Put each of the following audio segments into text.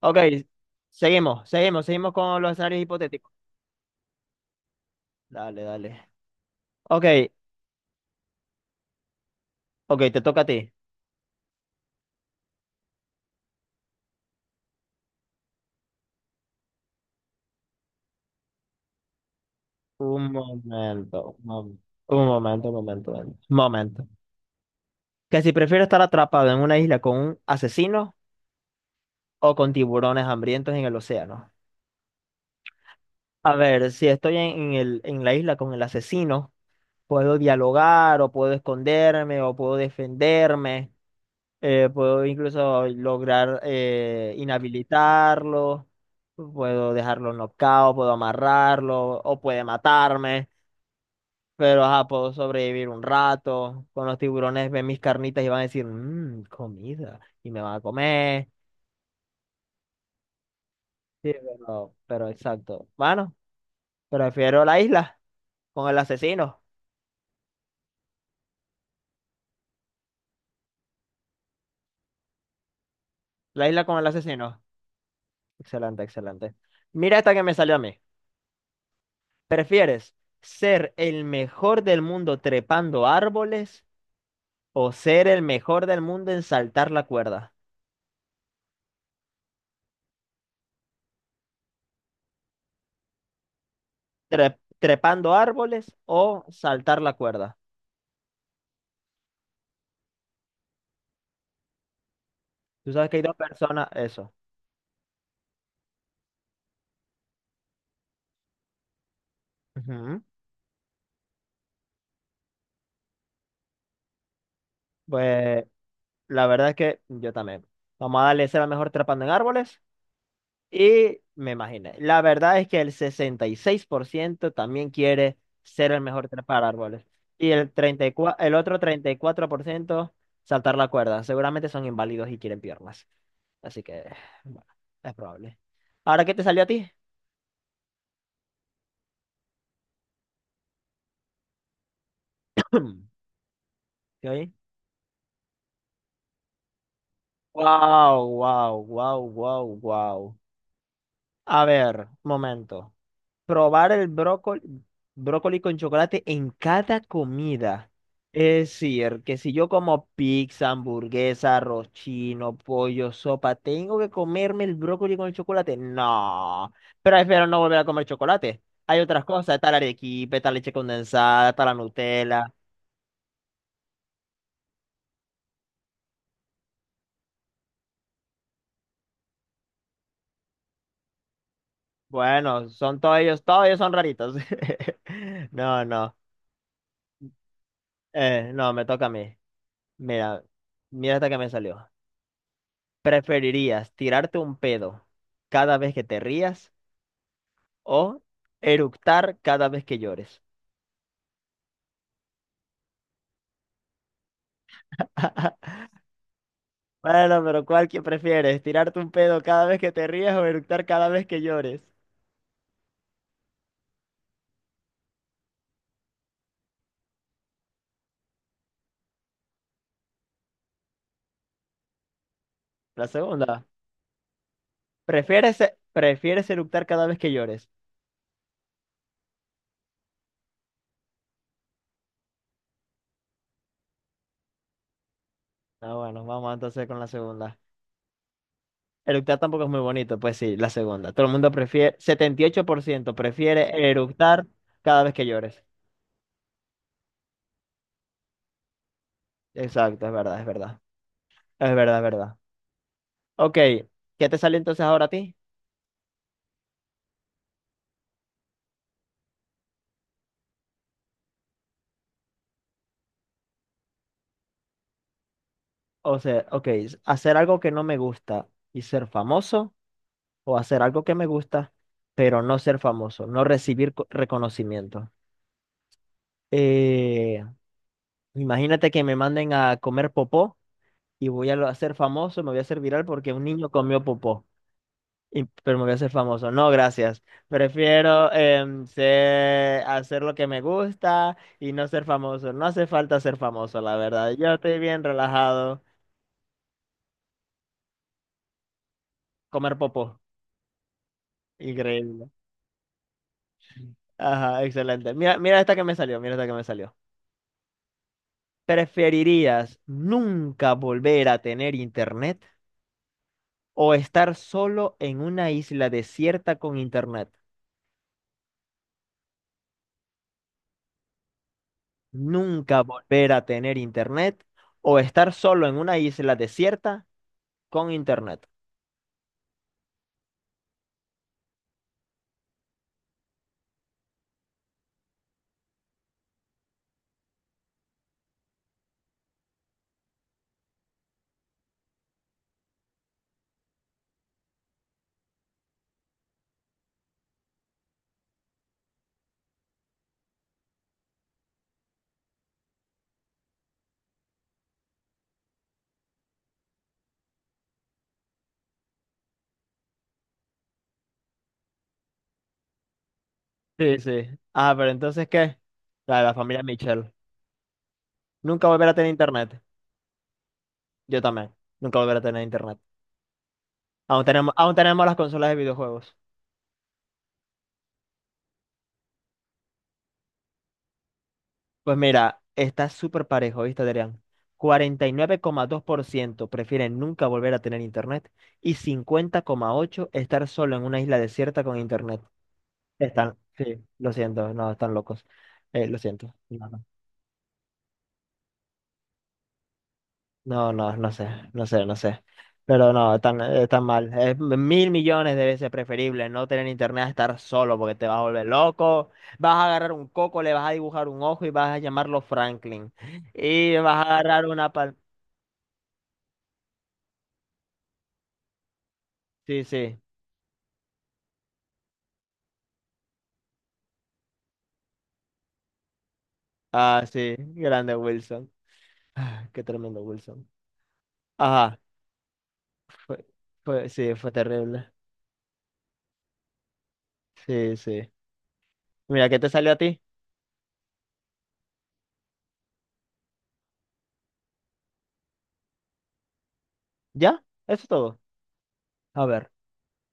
Ok, seguimos, seguimos, seguimos con los escenarios hipotéticos. Dale, dale. Ok, ok, te toca a ti. Un momento, un momento, un momento, un momento. Un momento. Que si prefiero estar atrapado en una isla con un asesino o con tiburones hambrientos en el océano. A ver, si estoy en la isla con el asesino, puedo dialogar o puedo esconderme o puedo defenderme. Puedo incluso lograr inhabilitarlo, puedo dejarlo nocaut, puedo amarrarlo, o puede matarme, pero ajá, puedo sobrevivir un rato. Con los tiburones ven mis carnitas y van a decir, mmm, comida, y me van a comer. Sí, pero exacto. Bueno, prefiero la isla con el asesino. La isla con el asesino. Excelente, excelente. Mira esta que me salió a mí. ¿Prefieres ser el mejor del mundo trepando árboles o ser el mejor del mundo en saltar la cuerda? Trepando árboles o saltar la cuerda. Tú sabes que hay dos personas, eso. Ujú. Pues la verdad es que yo también. Vamos a darle ser el mejor trepando en árboles y me imaginé. La verdad es que el 66% también quiere ser el mejor trepar árboles y el otro 34% saltar la cuerda. Seguramente son inválidos y quieren piernas. Así que, bueno, es probable. ¿Ahora qué te salió a ti? ¿Sí Wow, wow, wow, wow, wow. A ver, momento. Probar el brócoli con chocolate en cada comida. Es decir, que si yo como pizza, hamburguesa, arroz chino, pollo, sopa, ¿tengo que comerme el brócoli con el chocolate? No. Prefiero no volver a comer chocolate. Hay otras cosas, está la arequipe, está leche condensada, está la Nutella. Bueno, son todos ellos son raritos. No, no. No, me toca a mí. Mira, mira hasta que me salió. ¿Preferirías tirarte un pedo cada vez que te rías o eructar cada vez que llores? Bueno, pero ¿cuál que prefieres? ¿Tirarte un pedo cada vez que te rías o eructar cada vez que llores? La segunda. ¿Prefieres eructar cada vez que llores? Ah, bueno, vamos entonces con la segunda. Eructar tampoco es muy bonito, pues sí, la segunda. Todo el mundo prefiere, 78% prefiere eructar cada vez que llores. Exacto, es verdad, es verdad. Es verdad, es verdad. Ok, ¿qué te sale entonces ahora a ti? O sea, ok, hacer algo que no me gusta y ser famoso, o hacer algo que me gusta, pero no ser famoso, no recibir reconocimiento. Eh, Imagínate que me manden a comer popó y voy a ser famoso, me voy a hacer viral porque un niño comió popó. Pero me voy a hacer famoso. No, gracias. Prefiero hacer lo que me gusta y no ser famoso. No hace falta ser famoso, la verdad. Yo estoy bien relajado. Comer popó. Increíble. Ajá, excelente. Mira, mira esta que me salió. Mira esta que me salió. ¿Preferirías nunca volver a tener internet o estar solo en una isla desierta con internet? Nunca volver a tener internet o estar solo en una isla desierta con internet. Sí, sí. Ah, pero entonces, ¿qué? De la familia Mitchell. Nunca volverá a tener internet. Yo también. Nunca volverá a tener internet. Aún tenemos las consolas de videojuegos. Pues mira, está súper parejo, ¿viste, Adrián? 49,2% prefieren nunca volver a tener internet y 50,8% estar solo en una isla desierta con internet. Están, sí, lo siento, no, están locos. Lo siento. No. No, no, no sé, no sé, no sé. Pero no, tan, tan mal. Es mil millones de veces preferible no tener internet a estar solo porque te vas a volver loco. Vas a agarrar un coco, le vas a dibujar un ojo y vas a llamarlo Franklin. Y vas a agarrar una pal... Sí, sí. Ah, sí. Grande Wilson. Qué tremendo Wilson. Ajá. Fue, fue, sí, fue terrible. Sí, sí. Mira, ¿qué te salió a ti? ¿Ya? Eso es todo. A ver.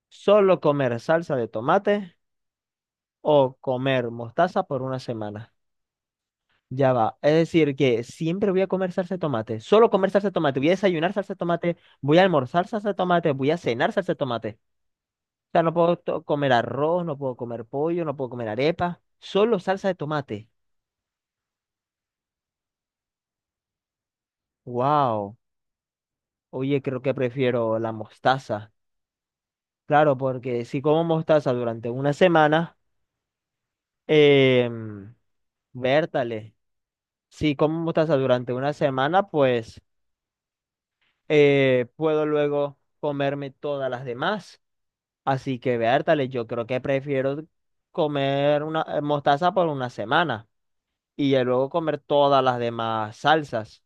Solo comer salsa de tomate o comer mostaza por una semana. Ya va. Es decir, que siempre voy a comer salsa de tomate. Solo comer salsa de tomate. Voy a desayunar salsa de tomate. Voy a almorzar salsa de tomate. Voy a cenar salsa de tomate. O sea, no puedo comer arroz, no puedo comer pollo, no puedo comer arepa. Solo salsa de tomate. Wow. Oye, creo que prefiero la mostaza. Claro, porque si como mostaza durante una semana, eh, vértale. Si como mostaza durante una semana, pues puedo luego comerme todas las demás. Así que, vértale, yo creo que prefiero comer una mostaza por una semana y ya luego comer todas las demás salsas.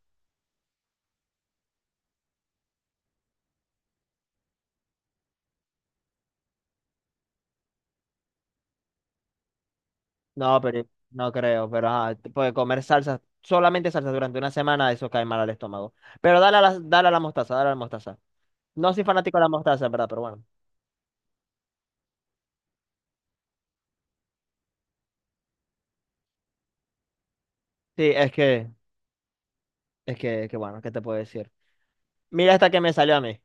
No, pero no creo, pero ajá, puede comer salsas, solamente salsas durante una semana, eso cae mal al estómago. Pero dale a la mostaza, dale a la mostaza. No soy fanático de la mostaza, en verdad, pero bueno. Sí, es que, que bueno, ¿qué te puedo decir? Mira esta que me salió a mí.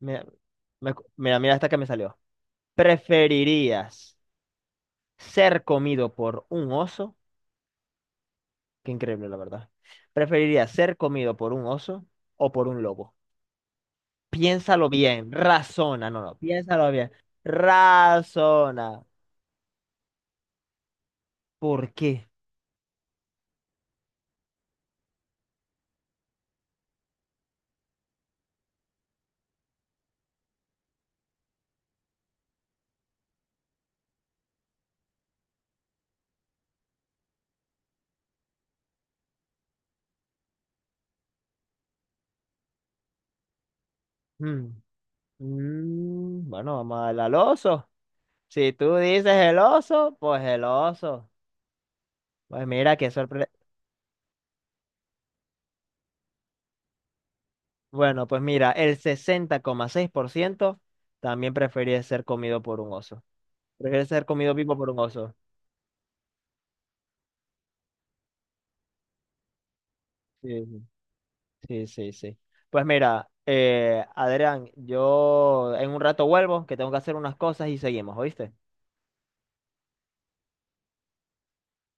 Mira, mira esta que me salió. ¿Preferirías ser comido por un oso? Qué increíble, la verdad. ¿Preferirías ser comido por un oso o por un lobo? Piénsalo bien, razona, no, no, piénsalo bien, razona. ¿Por qué? Mm, bueno, vamos a darle al oso. Si tú dices el oso. Pues mira, qué sorpresa. Bueno, pues mira, el 60,6% también prefería ser comido por un oso. Prefiere ser comido vivo por un oso. Sí, sí, sí, sí. Pues mira, Adrián, yo en un rato vuelvo, que tengo que hacer unas cosas y seguimos, ¿oíste?